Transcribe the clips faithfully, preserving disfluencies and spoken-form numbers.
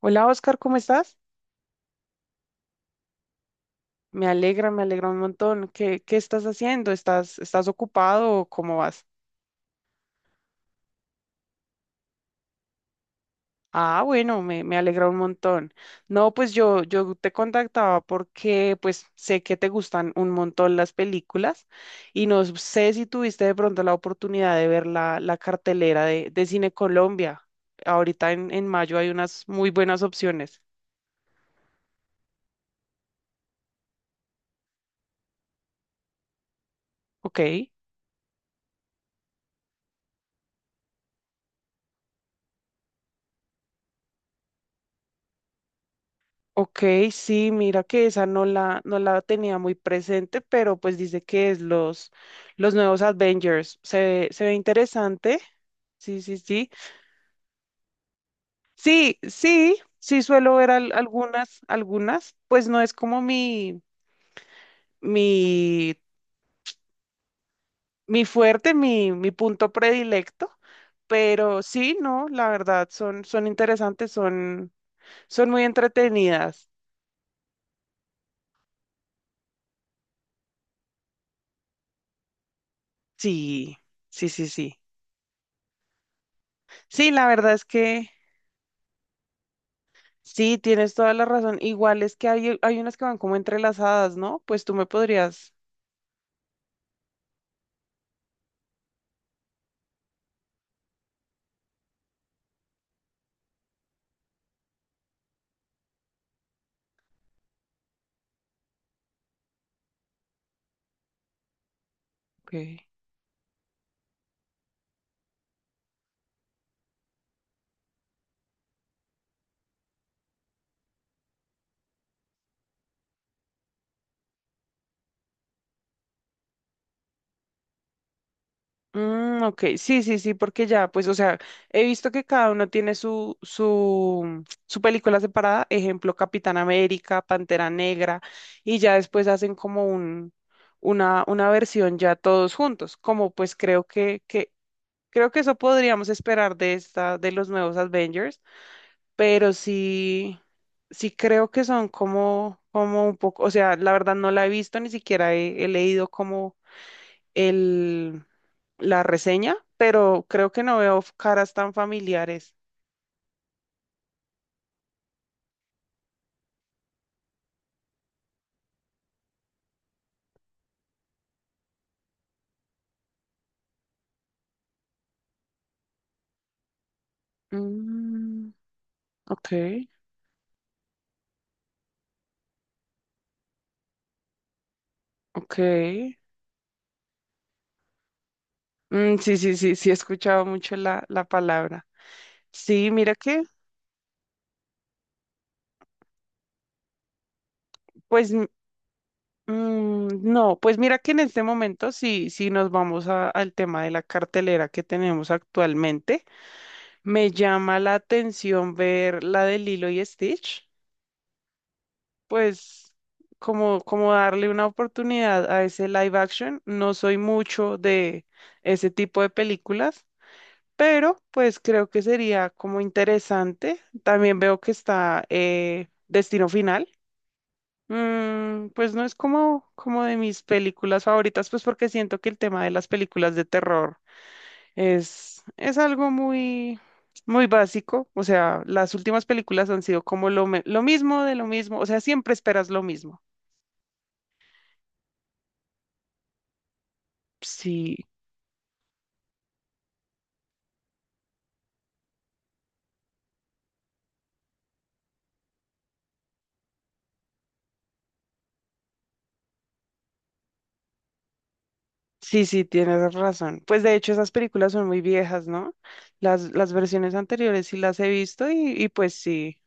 Hola Oscar, ¿cómo estás? Me alegra, me alegra un montón. ¿Qué, qué estás haciendo? ¿Estás, estás ocupado o cómo vas? Ah, bueno, me, me alegra un montón. No, pues yo, yo te contactaba porque pues sé que te gustan un montón las películas y no sé si tuviste de pronto la oportunidad de ver la, la cartelera de, de Cine Colombia. Ahorita en, en mayo hay unas muy buenas opciones. Ok. Ok, sí, mira que esa no la, no la tenía muy presente, pero pues dice que es los, los nuevos Avengers. Se, ve- se ve interesante. Sí, sí, sí. Sí, sí, sí suelo ver al- algunas, algunas. Pues no es como mi, mi, mi fuerte, mi, mi punto predilecto, pero sí, no, la verdad, son, son interesantes, son, son muy entretenidas. Sí, sí, sí, sí. Sí, la verdad es que... Sí, tienes toda la razón. Igual es que hay, hay unas que van como entrelazadas, ¿no? Pues tú me podrías. Ok. Mm, ok, sí, sí, sí, porque ya, pues, o sea, he visto que cada uno tiene su, su, su película separada, ejemplo, Capitán América, Pantera Negra, y ya después hacen como un, una, una versión ya todos juntos, como pues creo que, que, creo que eso podríamos esperar de esta, de los nuevos Avengers, pero sí, sí creo que son como, como un poco, o sea, la verdad no la he visto, ni siquiera he, he leído como el, la reseña, pero creo que no veo caras tan familiares. Mm, ok, ok. Mm, sí, sí, sí, sí, he escuchado mucho la, la palabra. Sí, mira que, pues, mm, no, pues mira que en este momento sí, sí nos vamos a- al tema de la cartelera que tenemos actualmente. Me llama la atención ver la de Lilo y Stitch, pues como, como darle una oportunidad a ese live action. No soy mucho de ese tipo de películas, pero pues creo que sería como interesante. También veo que está eh, Destino Final. Mm, pues no es como, como de mis películas favoritas, pues porque siento que el tema de las películas de terror Es, es algo muy, muy básico. O sea, las últimas películas han sido como lo, me- lo mismo de lo mismo. O sea, siempre esperas lo mismo. Sí, sí, sí, tienes razón. Pues de hecho, esas películas son muy viejas, ¿no? Las, las versiones anteriores sí las he visto y, y pues sí.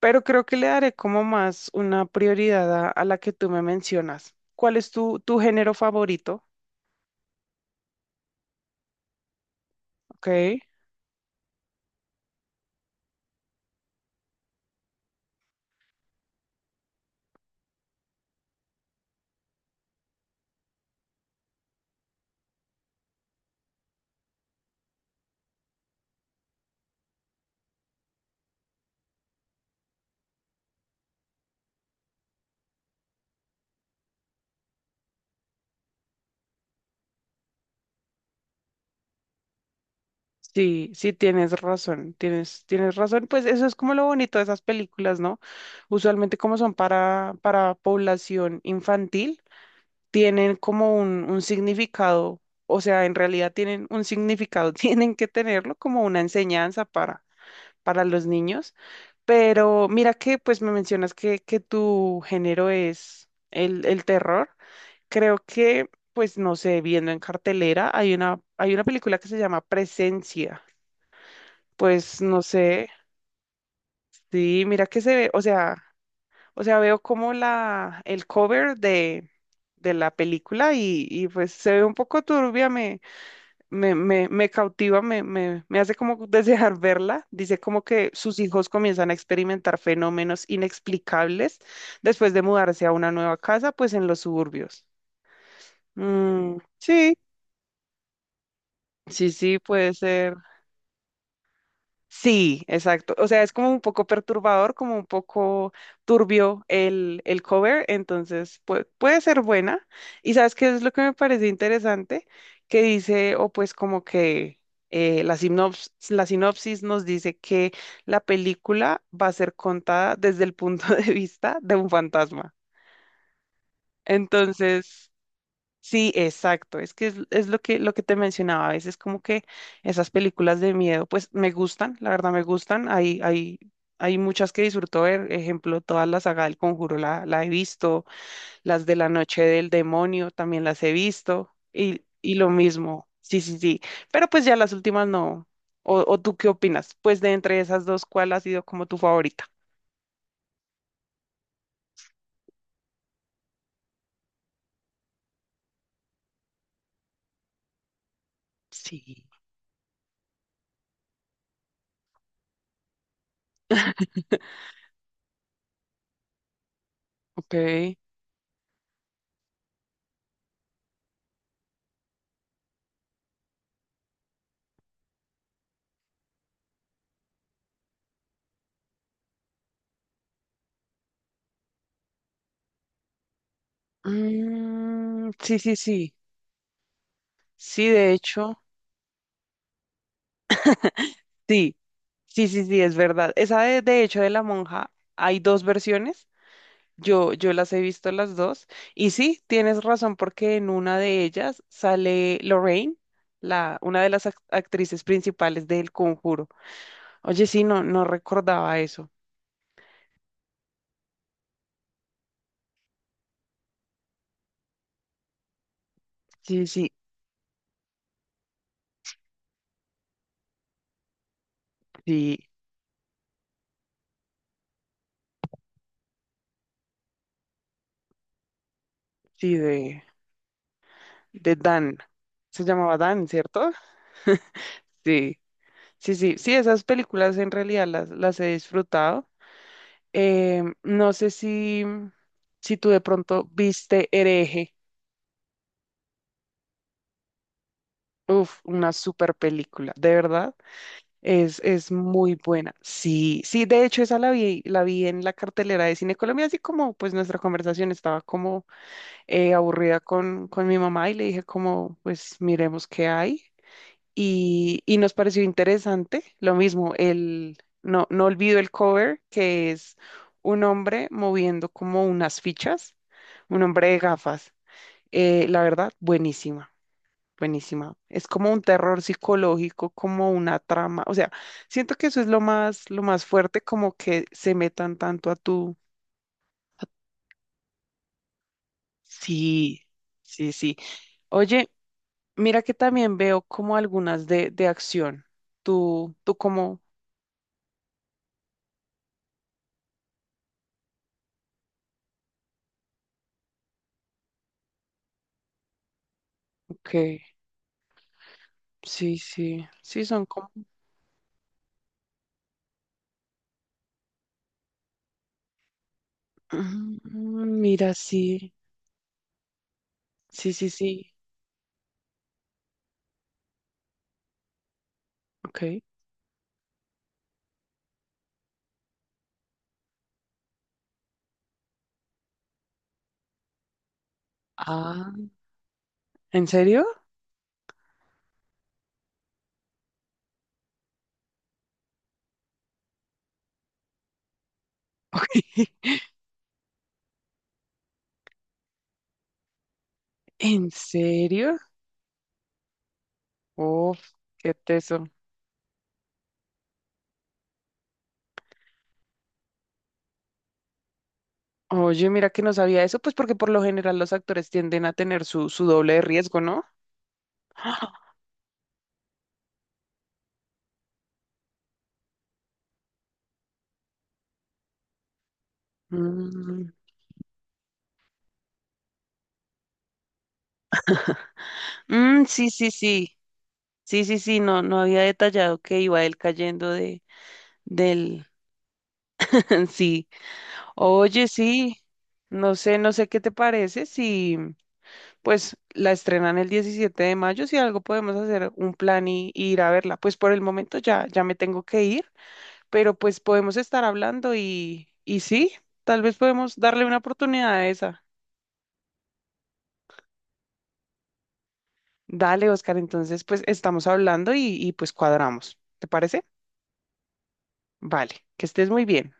Pero creo que le daré como más una prioridad a, a la que tú me mencionas. ¿Cuál es tu, tu género favorito? Ok. Sí, sí tienes razón, tienes, tienes razón. Pues eso es como lo bonito de esas películas, ¿no? Usualmente como son para, para población infantil, tienen como un, un significado, o sea, en realidad tienen un significado, tienen que tenerlo como una enseñanza para, para los niños. Pero mira que pues me mencionas que, que tu género es el, el terror. Creo que, pues no sé, viendo en cartelera, hay una, hay una película que se llama Presencia. Pues no sé, sí, mira que se ve, o sea, o sea, veo como la, el cover de, de la película y, y pues se ve un poco turbia, me, me, me, me cautiva, me, me, me hace como desear verla. Dice como que sus hijos comienzan a experimentar fenómenos inexplicables después de mudarse a una nueva casa, pues en los suburbios. Mm, sí, sí, sí, puede ser. Sí, exacto. O sea, es como un poco perturbador, como un poco turbio el, el cover, entonces pue- puede ser buena. Y sabes qué es lo que me parece interesante, que dice, o pues como que eh, la sinops- la sinopsis nos dice que la película va a ser contada desde el punto de vista de un fantasma. Entonces... Sí, exacto. Es que es, es lo que, lo que te mencionaba. A veces como que esas películas de miedo, pues me gustan, la verdad me gustan. Hay, hay, hay muchas que disfruto ver. Ejemplo, toda la saga del Conjuro la, la he visto. Las de la noche del demonio también las he visto. Y, y lo mismo. Sí, sí, sí. Pero pues ya las últimas no. ¿O, ¿o tú qué opinas? Pues de entre esas dos, ¿cuál ha sido como tu favorita? Sí. Ok. Mm, sí, sí, sí. Sí, de hecho. Sí, sí, sí, sí, es verdad. Esa de, de hecho de la monja hay dos versiones. Yo, yo las he visto las dos. Y sí, tienes razón porque en una de ellas sale Lorraine, la, una de las ac- actrices principales del Conjuro. Oye, sí, no, no recordaba eso. Sí, sí, sí, sí, de, de Dan. Se llamaba Dan, ¿cierto? Sí, sí, sí, sí, esas películas en realidad las, las he disfrutado. Eh, no sé si, si tú de pronto viste Hereje. Uf, una super película, de verdad. Es, es muy buena. Sí, sí, de hecho esa la vi, la vi en la cartelera de Cine Colombia, así como pues nuestra conversación estaba como eh, aburrida con, con mi mamá y le dije como pues miremos qué hay. Y, y nos pareció interesante. Lo mismo, el, no, no olvido el cover, que es un hombre moviendo como unas fichas, un hombre de gafas. Eh, la verdad, buenísima, buenísima. Es como un terror psicológico, como una trama. O sea, siento que eso es lo más, lo más fuerte, como que se metan tanto a tu... a- Sí, sí, sí. Oye, mira que también veo como algunas de, de acción. Tú, tú como, ok. Sí, sí, sí, son como... Mm, mira, sí, sí, sí, sí, ok. Ah, ¿en serio? ¿En serio? Uf, qué teso. Oye, mira que no sabía eso, pues porque por lo general los actores tienden a tener su, su doble de riesgo, ¿no? Ah, mm, mm, sí, sí, sí, sí, sí, sí, no, no había detallado que iba él cayendo de, del, sí. Oye, sí, no sé, no sé qué te parece si... pues la estrenan el diecisiete de mayo, si algo podemos hacer un plan y, y ir a verla. Pues por el momento ya, ya me tengo que ir, pero pues podemos estar hablando y, y sí, tal vez podemos darle una oportunidad a esa. Dale, Oscar, entonces pues estamos hablando y, y pues cuadramos. ¿Te parece? Vale, que estés muy bien.